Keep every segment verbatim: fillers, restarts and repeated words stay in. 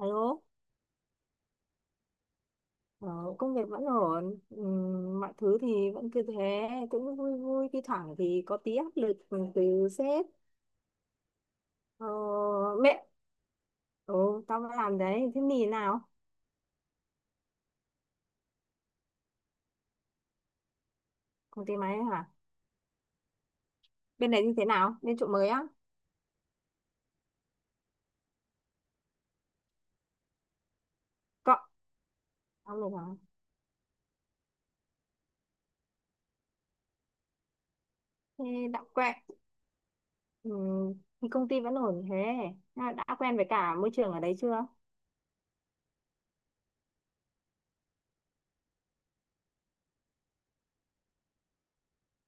Alo, ờ, công việc vẫn ổn. Ừm, mọi thứ thì vẫn cứ thế, cũng vui vui, thi thoảng thì có tí áp lực từ sếp. Ờ, mẹ, ừ, tao vẫn làm đấy, thế mì nào? Công ty máy hả? Bên đấy như thế nào? Bên chỗ mới á? Cọ, tao được hả? Thế đã quen, Ừm, thì công ty vẫn ổn thế. À, đã quen với cả môi trường ở đấy chưa?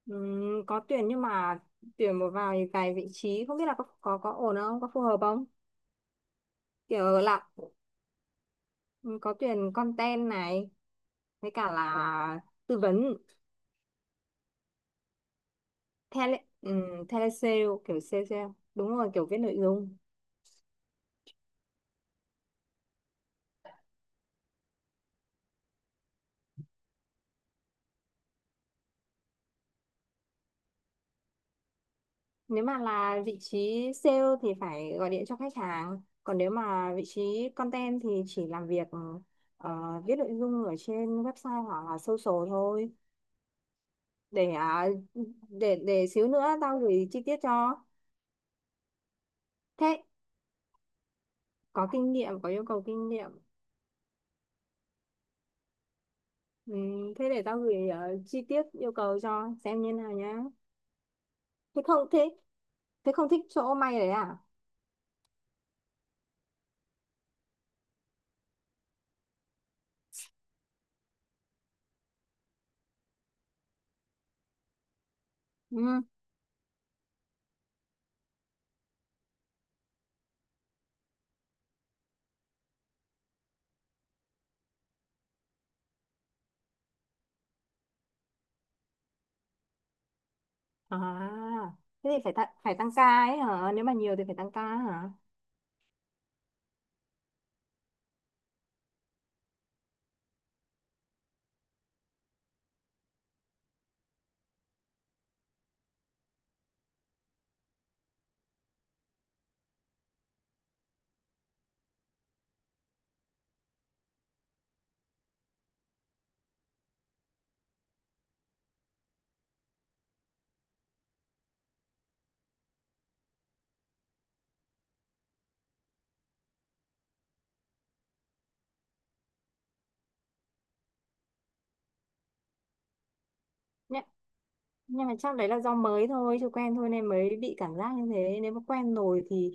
Ừm, có tuyển nhưng mà tuyển một vài vài vị trí, không biết là có, có, có ổn không, có phù hợp không? Kiểu làm Ừ, có tuyển content này, với cả là tư vấn tele um, tele sale, kiểu sale sale đúng rồi, kiểu viết nội dung. Nếu mà là vị trí sale thì phải gọi điện cho khách hàng, còn nếu mà vị trí content thì chỉ làm việc, ờ, viết nội dung ở trên website hoặc là social thôi. Để à, để để xíu nữa tao gửi chi tiết cho. Thế có kinh nghiệm có yêu cầu kinh nghiệm. Ừ, thế để tao gửi ờ, chi tiết yêu cầu cho xem như nào nhá. thế không thế Thế không thích chỗ may đấy à? Ừ. À. Thế thì phải ta, phải tăng ca ấy hả? Nếu mà nhiều thì phải tăng ca hả? Nhá- nhưng mà chắc đấy là do mới thôi, chưa quen thôi nên mới bị cảm giác như thế. Nếu mà quen rồi thì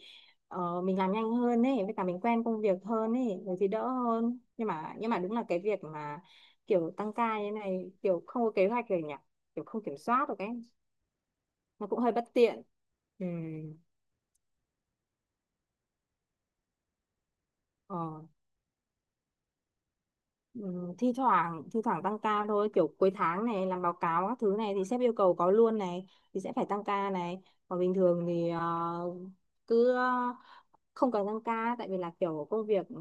ờ, mình làm nhanh hơn ấy, với cả mình quen công việc hơn ấy rồi thì đỡ hơn. Nhưng mà nhưng mà đúng là cái việc mà kiểu tăng ca như thế này, kiểu không có kế hoạch rồi nhỉ, kiểu không kiểm soát được ấy, nó cũng hơi bất tiện. Ừ. Ờ. Ừ, thi thoảng thi thoảng tăng ca thôi, kiểu cuối tháng này làm báo cáo các thứ này thì sếp yêu cầu có luôn này, thì sẽ phải tăng ca này. Còn bình thường thì ờ, cứ ờ, không cần tăng ca, tại vì là kiểu công việc ừ,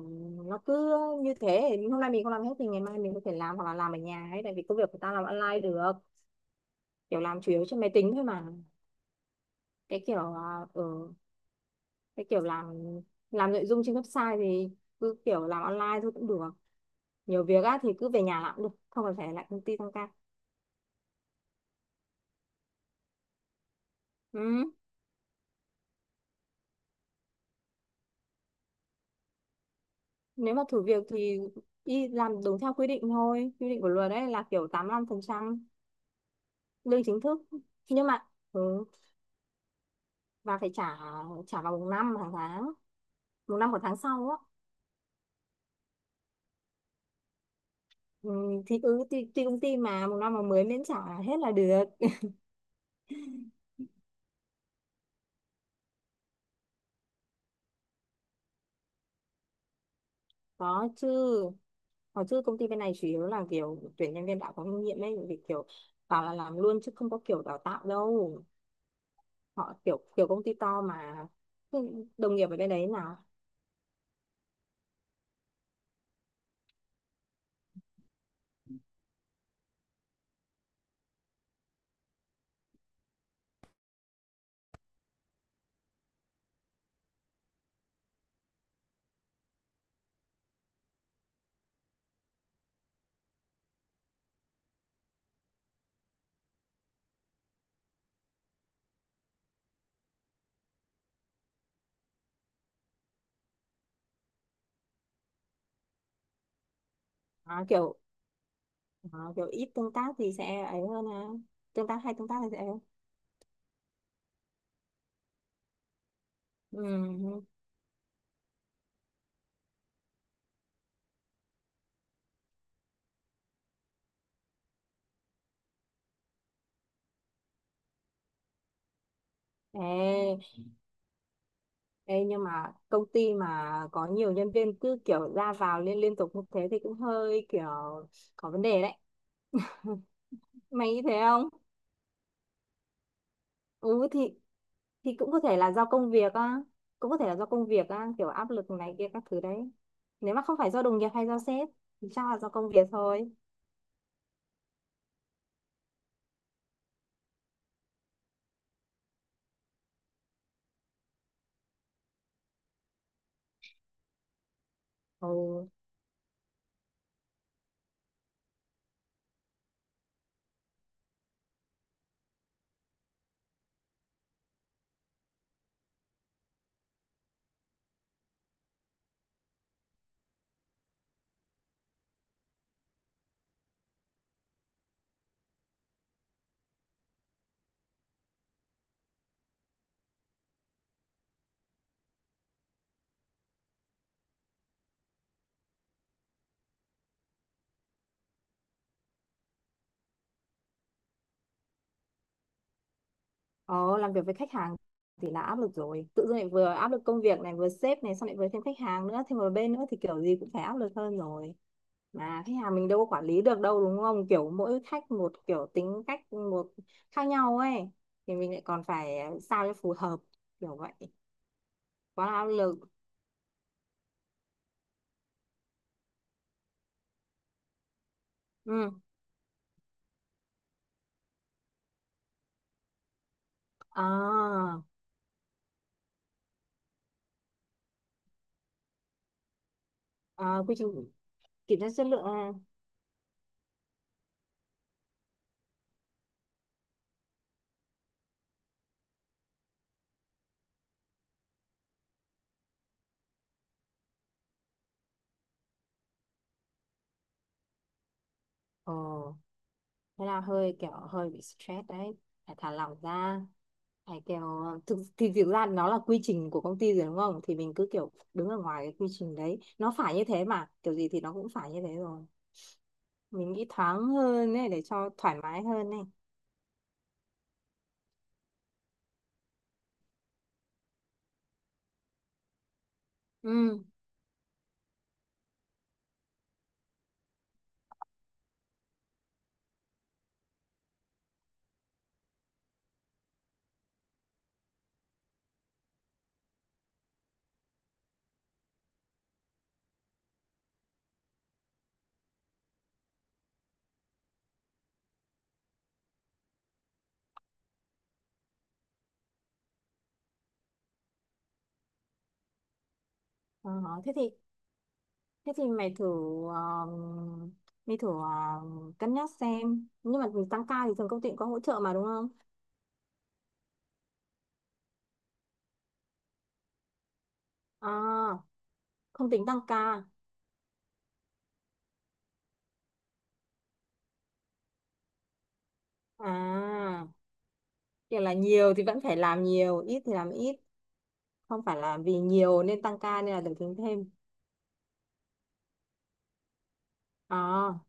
nó cứ như thế, hôm nay mình không làm hết thì ngày mai mình có thể làm, hoặc là làm ở nhà ấy, tại vì công việc của ta làm online được. Kiểu làm chủ yếu trên máy tính thôi mà. Cái kiểu ờ, ừ, cái kiểu làm làm nội dung trên website thì cứ kiểu làm online thôi cũng được. Nhiều việc á thì cứ về nhà làm cũng được, không cần phải lại công ty tăng ca. Ừ. Nếu mà thử việc thì đi làm đúng theo quy định thôi. Quy định của luật đấy là kiểu tám mươi lăm phần trăm lương chính thức. Nhưng mà ừ, và phải trả trả vào một năm hàng tháng, một năm của tháng sau á. Ừ, thì ừ, thì tùy công ty mà một năm mà mới miễn trả hết là được. Có chứ. Có chứ, công ty bên này chủ yếu là kiểu tuyển nhân viên đã có kinh nghiệm ấy, vì kiểu bảo là làm luôn chứ không có kiểu đào tạo đâu. Họ kiểu kiểu công ty to mà. Đồng nghiệp ở bên đấy là à, kiểu Ờ, kiểu ít tương tác thì sẽ ấy hơn ha. Tương tác hay tương tác thì sẽ. Ừ. Ê, ê, nhưng mà công ty mà có nhiều nhân viên cứ kiểu ra vào liên liên tục như thế thì cũng hơi kiểu có vấn đề đấy. Mày nghĩ thế không? Ừ, thì thì cũng có thể là do công việc á, cũng có thể là do công việc á, kiểu áp lực này kia các thứ đấy. Nếu mà không phải do đồng nghiệp hay do sếp thì chắc là do công việc thôi. Ừ. Ồ, làm việc với khách hàng thì là áp lực rồi. Tự dưng lại vừa áp lực công việc này, vừa sếp này, xong lại vừa thêm khách hàng nữa, thêm một bên nữa thì kiểu gì cũng phải áp lực hơn rồi. Mà khách hàng mình đâu có quản lý được đâu đúng không? Kiểu mỗi khách một kiểu, tính cách một khác nhau ấy. Thì mình lại còn phải sao cho phù hợp, kiểu vậy. Quá là áp lực. Ừ. À, à, quy trình kiểm tra chất lượng. À. Ồ, thế là hơi kiểu hơi bị stress đấy. Phải thả lỏng ra. Phải kiểu, thực thì thực ra nó là quy trình của công ty rồi đúng không, thì mình cứ kiểu đứng ở ngoài cái quy trình đấy, nó phải như thế, mà kiểu gì thì nó cũng phải như thế rồi. Mình nghĩ thoáng hơn này, để cho thoải mái hơn này. Ừ. Ờ, thế thì thế thì mày thử um, mày thử um, cân nhắc xem. Nhưng mà tăng ca thì thường công ty cũng có hỗ trợ mà đúng không? À, không tính tăng ca. À, kiểu là nhiều thì vẫn phải làm nhiều, ít thì làm ít, không phải là vì nhiều nên tăng ca nên là được tính thêm. À.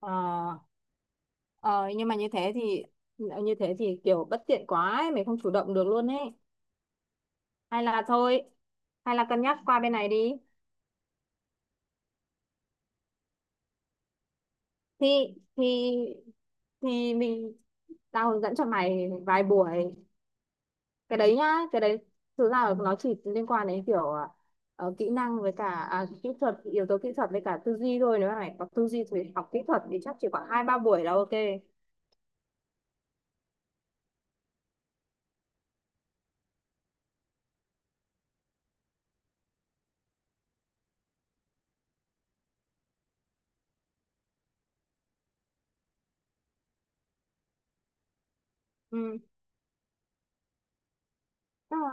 Ờ, ờ, nhưng mà như thế thì như thế thì kiểu bất tiện quá ấy, mình không chủ động được luôn ấy. Hay là thôi, Hay là cân nhắc qua bên này đi. Thì thì thì mình tao hướng dẫn cho mày vài buổi. Cái đấy nhá, cái đấy thực ra là nó chỉ liên quan đến kiểu ờ, kỹ năng, với cả à, kỹ thuật, yếu tố kỹ thuật với cả tư duy thôi. Nếu mà mày có tư duy thì học kỹ thuật thì chắc chỉ khoảng hai ba buổi là ok. Ừ. Tức là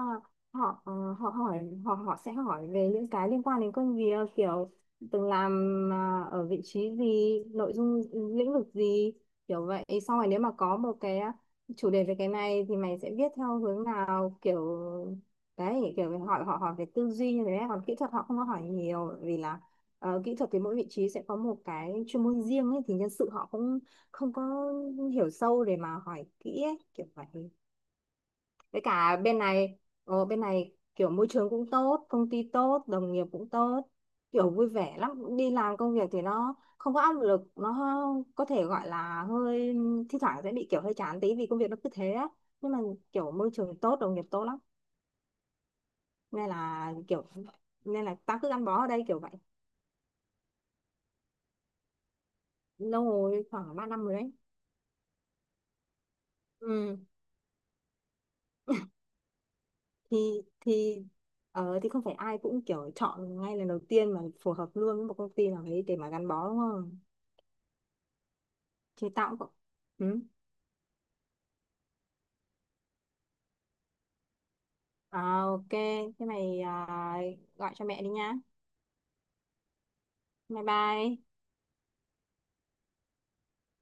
họ ờ, họ hỏi họ họ sẽ hỏi về những cái liên quan đến công việc, kiểu từng làm à, ở vị trí gì, nội dung ừ, lĩnh vực gì, kiểu vậy. Xong rồi nếu mà có một cái à, chủ đề về cái này thì mày sẽ viết theo hướng nào, kiểu đấy. Kiểu hỏi họ hỏi về tư duy như thế. Còn kỹ thuật họ không có hỏi nhiều, vì là ờ, kỹ thuật thì mỗi vị trí sẽ có một cái chuyên môn riêng ấy, thì nhân sự họ cũng không có hiểu sâu để mà hỏi kỹ ấy, kiểu vậy. Với cả bên này, ờ, bên này kiểu môi trường cũng tốt, công ty tốt, đồng nghiệp cũng tốt, kiểu vui vẻ lắm, đi làm công việc thì nó không có áp lực. Nó có thể gọi là hơi thi thoảng sẽ bị kiểu hơi chán tí, vì công việc nó cứ thế á. Nhưng mà kiểu môi trường tốt, đồng nghiệp tốt lắm, nên là kiểu nên là tao cứ gắn bó ở đây, kiểu vậy. Lâu rồi, khoảng ba năm rồi đấy. Ừ. thì thì ờ, thì không phải ai cũng kiểu chọn ngay lần đầu tiên mà phù hợp luôn với một công ty nào đấy để mà gắn bó đúng không. Thì tao cũng. Ừ. À, ok. Thế mày, à, gọi cho mẹ đi nha. Bye bye.